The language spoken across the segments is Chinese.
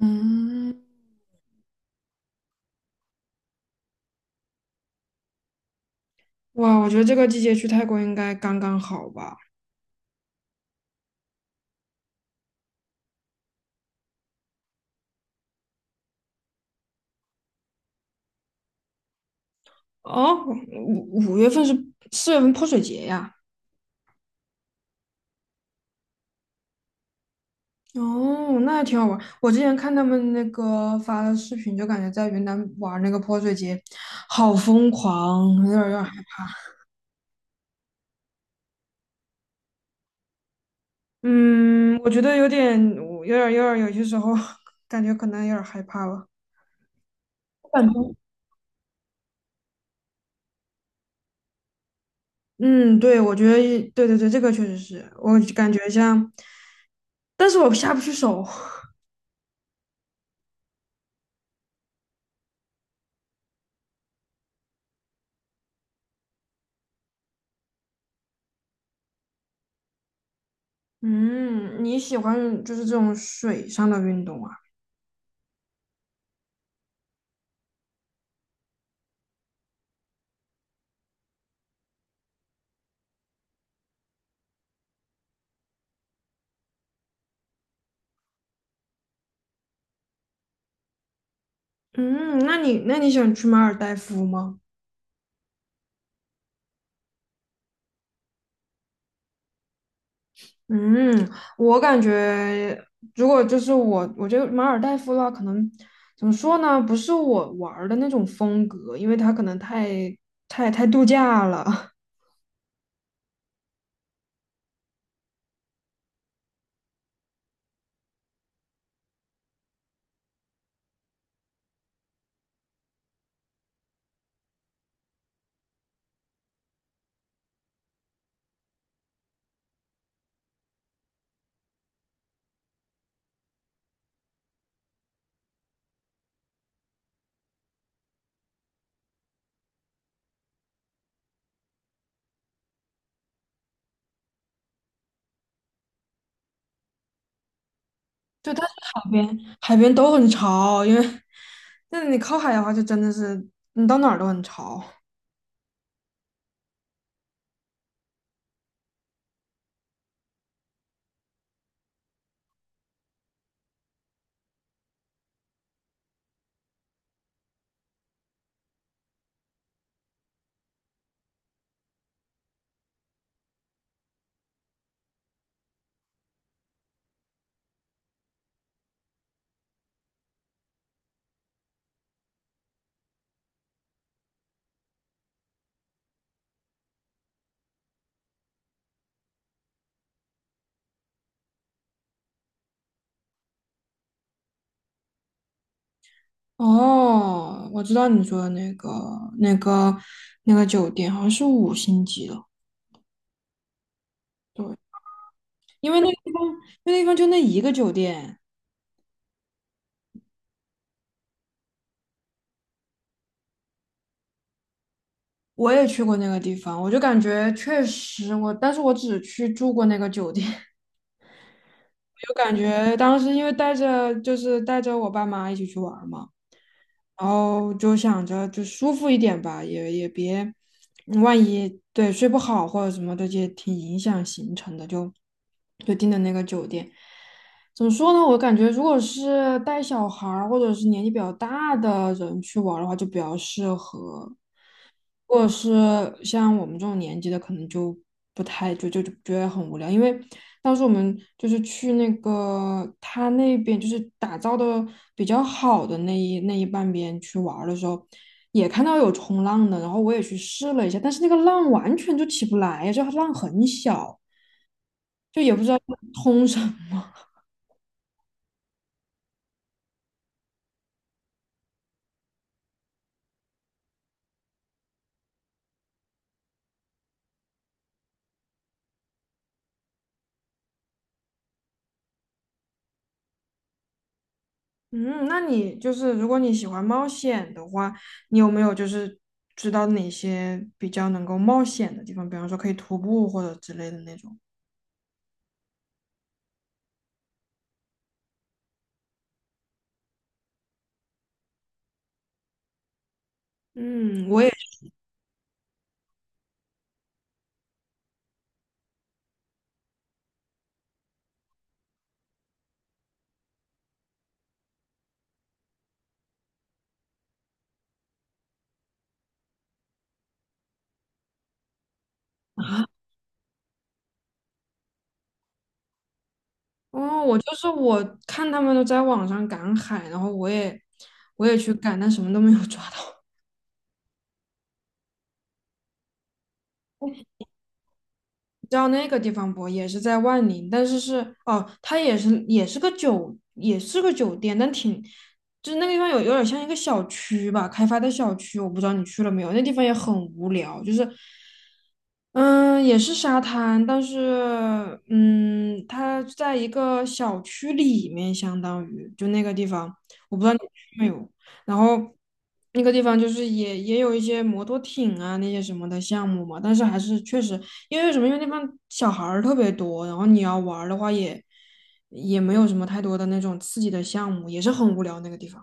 嗯，哇，我觉得这个季节去泰国应该刚刚好吧？哦，五五月份是四月份泼水节呀。哦，那还挺好玩。我之前看他们那个发的视频，就感觉在云南玩那个泼水节，好疯狂，有点儿害怕。嗯，我觉得有点儿，有些时候 感觉可能有点儿害怕了。我感觉，嗯，对，我觉得，对对对，这个确实是，我感觉像，但是我下不去手。嗯，你喜欢就是这种水上的运动啊？嗯，那你喜欢去马尔代夫吗？嗯，我感觉如果就是我，我觉得马尔代夫的话，可能怎么说呢？不是我玩儿的那种风格，因为它可能太度假了。就它是海边，都很潮，因为那你靠海的话，就真的是你到哪儿都很潮。哦，我知道你说的那个、那个酒店，好像是五星级的。对，因为那个地方就那一个酒店，我也去过那个地方，我就感觉确实我，但是我只去住过那个酒店，我就感觉当时因为带着我爸妈一起去玩儿嘛，然后就想着就舒服一点吧，也别，万一对睡不好或者什么的，也挺影响行程的，就订的那个酒店。怎么说呢？我感觉如果是带小孩儿或者是年纪比较大的人去玩儿的话，就比较适合。如果是像我们这种年纪的，可能就不太就就就觉得很无聊，因为当时我们就是去那个他那边就是打造的比较好的那一半边去玩儿的时候，也看到有冲浪的，然后我也去试了一下，但是那个浪完全就起不来，就浪很小，就也不知道通什嗯，那你就是如果你喜欢冒险的话，你有没有就是知道哪些比较能够冒险的地方？比方说可以徒步或者之类的那种。嗯，哦，我就是我看他们都在网上赶海，然后我也去赶，但什么都没有抓到。你知道那个地方不？也是在万宁，但是哦，它也是个酒店，但挺，就是那个地方有点像一个小区吧，开发的小区，我不知道你去了没有。那地方也很无聊，就是，嗯，也是沙滩，但是嗯，它在一个小区里面，相当于就那个地方，我不知道你去没有。然后那个地方就是也有一些摩托艇啊那些什么的项目嘛，但是还是确实因为什么，因为那边小孩儿特别多，然后你要玩儿的话也没有什么太多的那种刺激的项目，也是很无聊那个地方。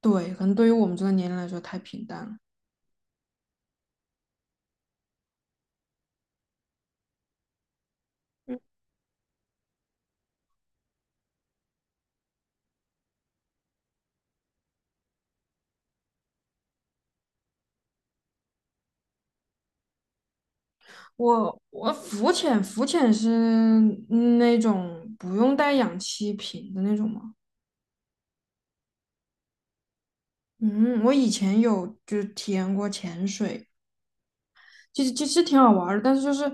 对，可能对于我们这个年龄来说太平淡了。我浮潜，是那种不用带氧气瓶的那种吗？嗯，我以前有就是体验过潜水，其实挺好玩儿的，但是就是，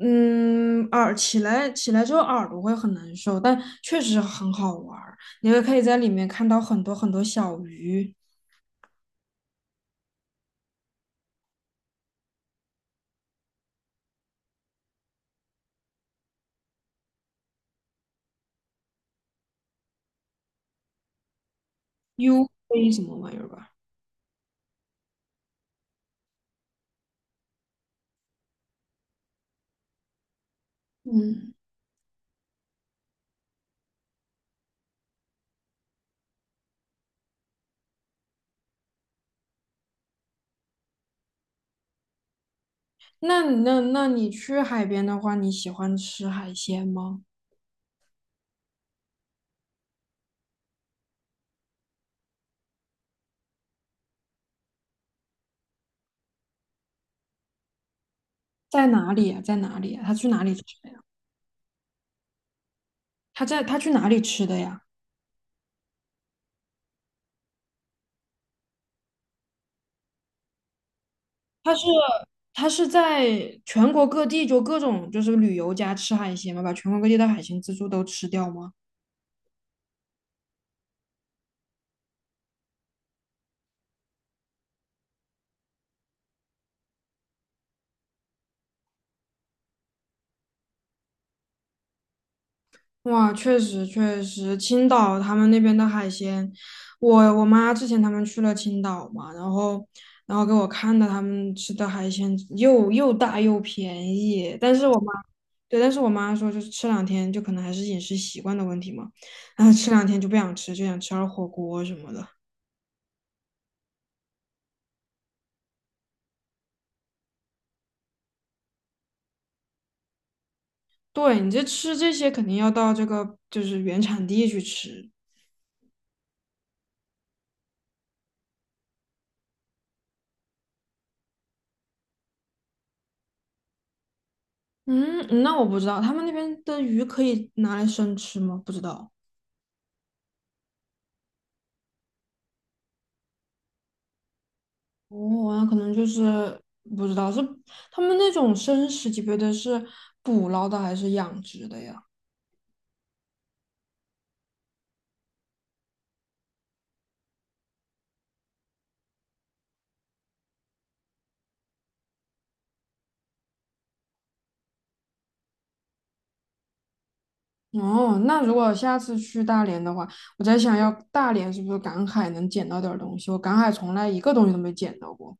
嗯，耳起来起来之后耳朵会很难受，但确实很好玩儿。你也可以在里面看到很多很多小鱼、uv 什么玩意儿吧。嗯，那你去海边的话，你喜欢吃海鲜吗？在哪里呀、在哪里呀、他去哪里吃的呀？他去哪里吃的呀？他是他是在全国各地就各种就是旅游家吃海鲜吗？把全国各地的海鲜自助都吃掉吗？哇，确实确实，青岛他们那边的海鲜，我妈之前他们去了青岛嘛，然后给我看的他们吃的海鲜又大又便宜，但是对，但是我妈说就是吃两天就可能还是饮食习惯的问题嘛，然后吃两天就不想吃，就想吃点儿火锅什么的。对，你这吃这些肯定要到这个就是原产地去吃。嗯，那我不知道他们那边的鱼可以拿来生吃吗？不知道。哦，那可能就是不知道是他们那种生食级别的是捕捞的还是养殖的呀？哦，那如果下次去大连的话，我在想要大连是不是赶海能捡到点儿东西？我赶海从来一个东西都没捡到过。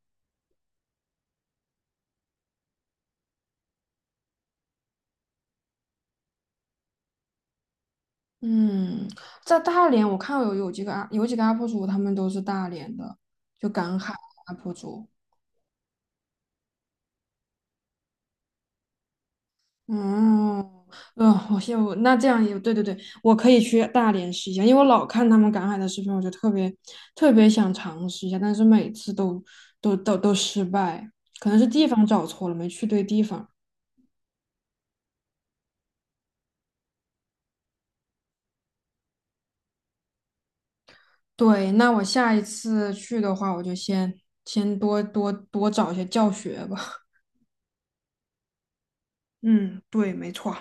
嗯，在大连我看有几个 u P 有几个 UP 主，他们都是大连的，就赶海 UP 主。嗯，我羡我那这样也对对对，我可以去大连试一下，因为我老看他们赶海的视频，我就特别特别想尝试一下，但是每次都失败，可能是地方找错了，没去对地方。对，那我下一次去的话，我就先多找一些教学吧。嗯，对，没错。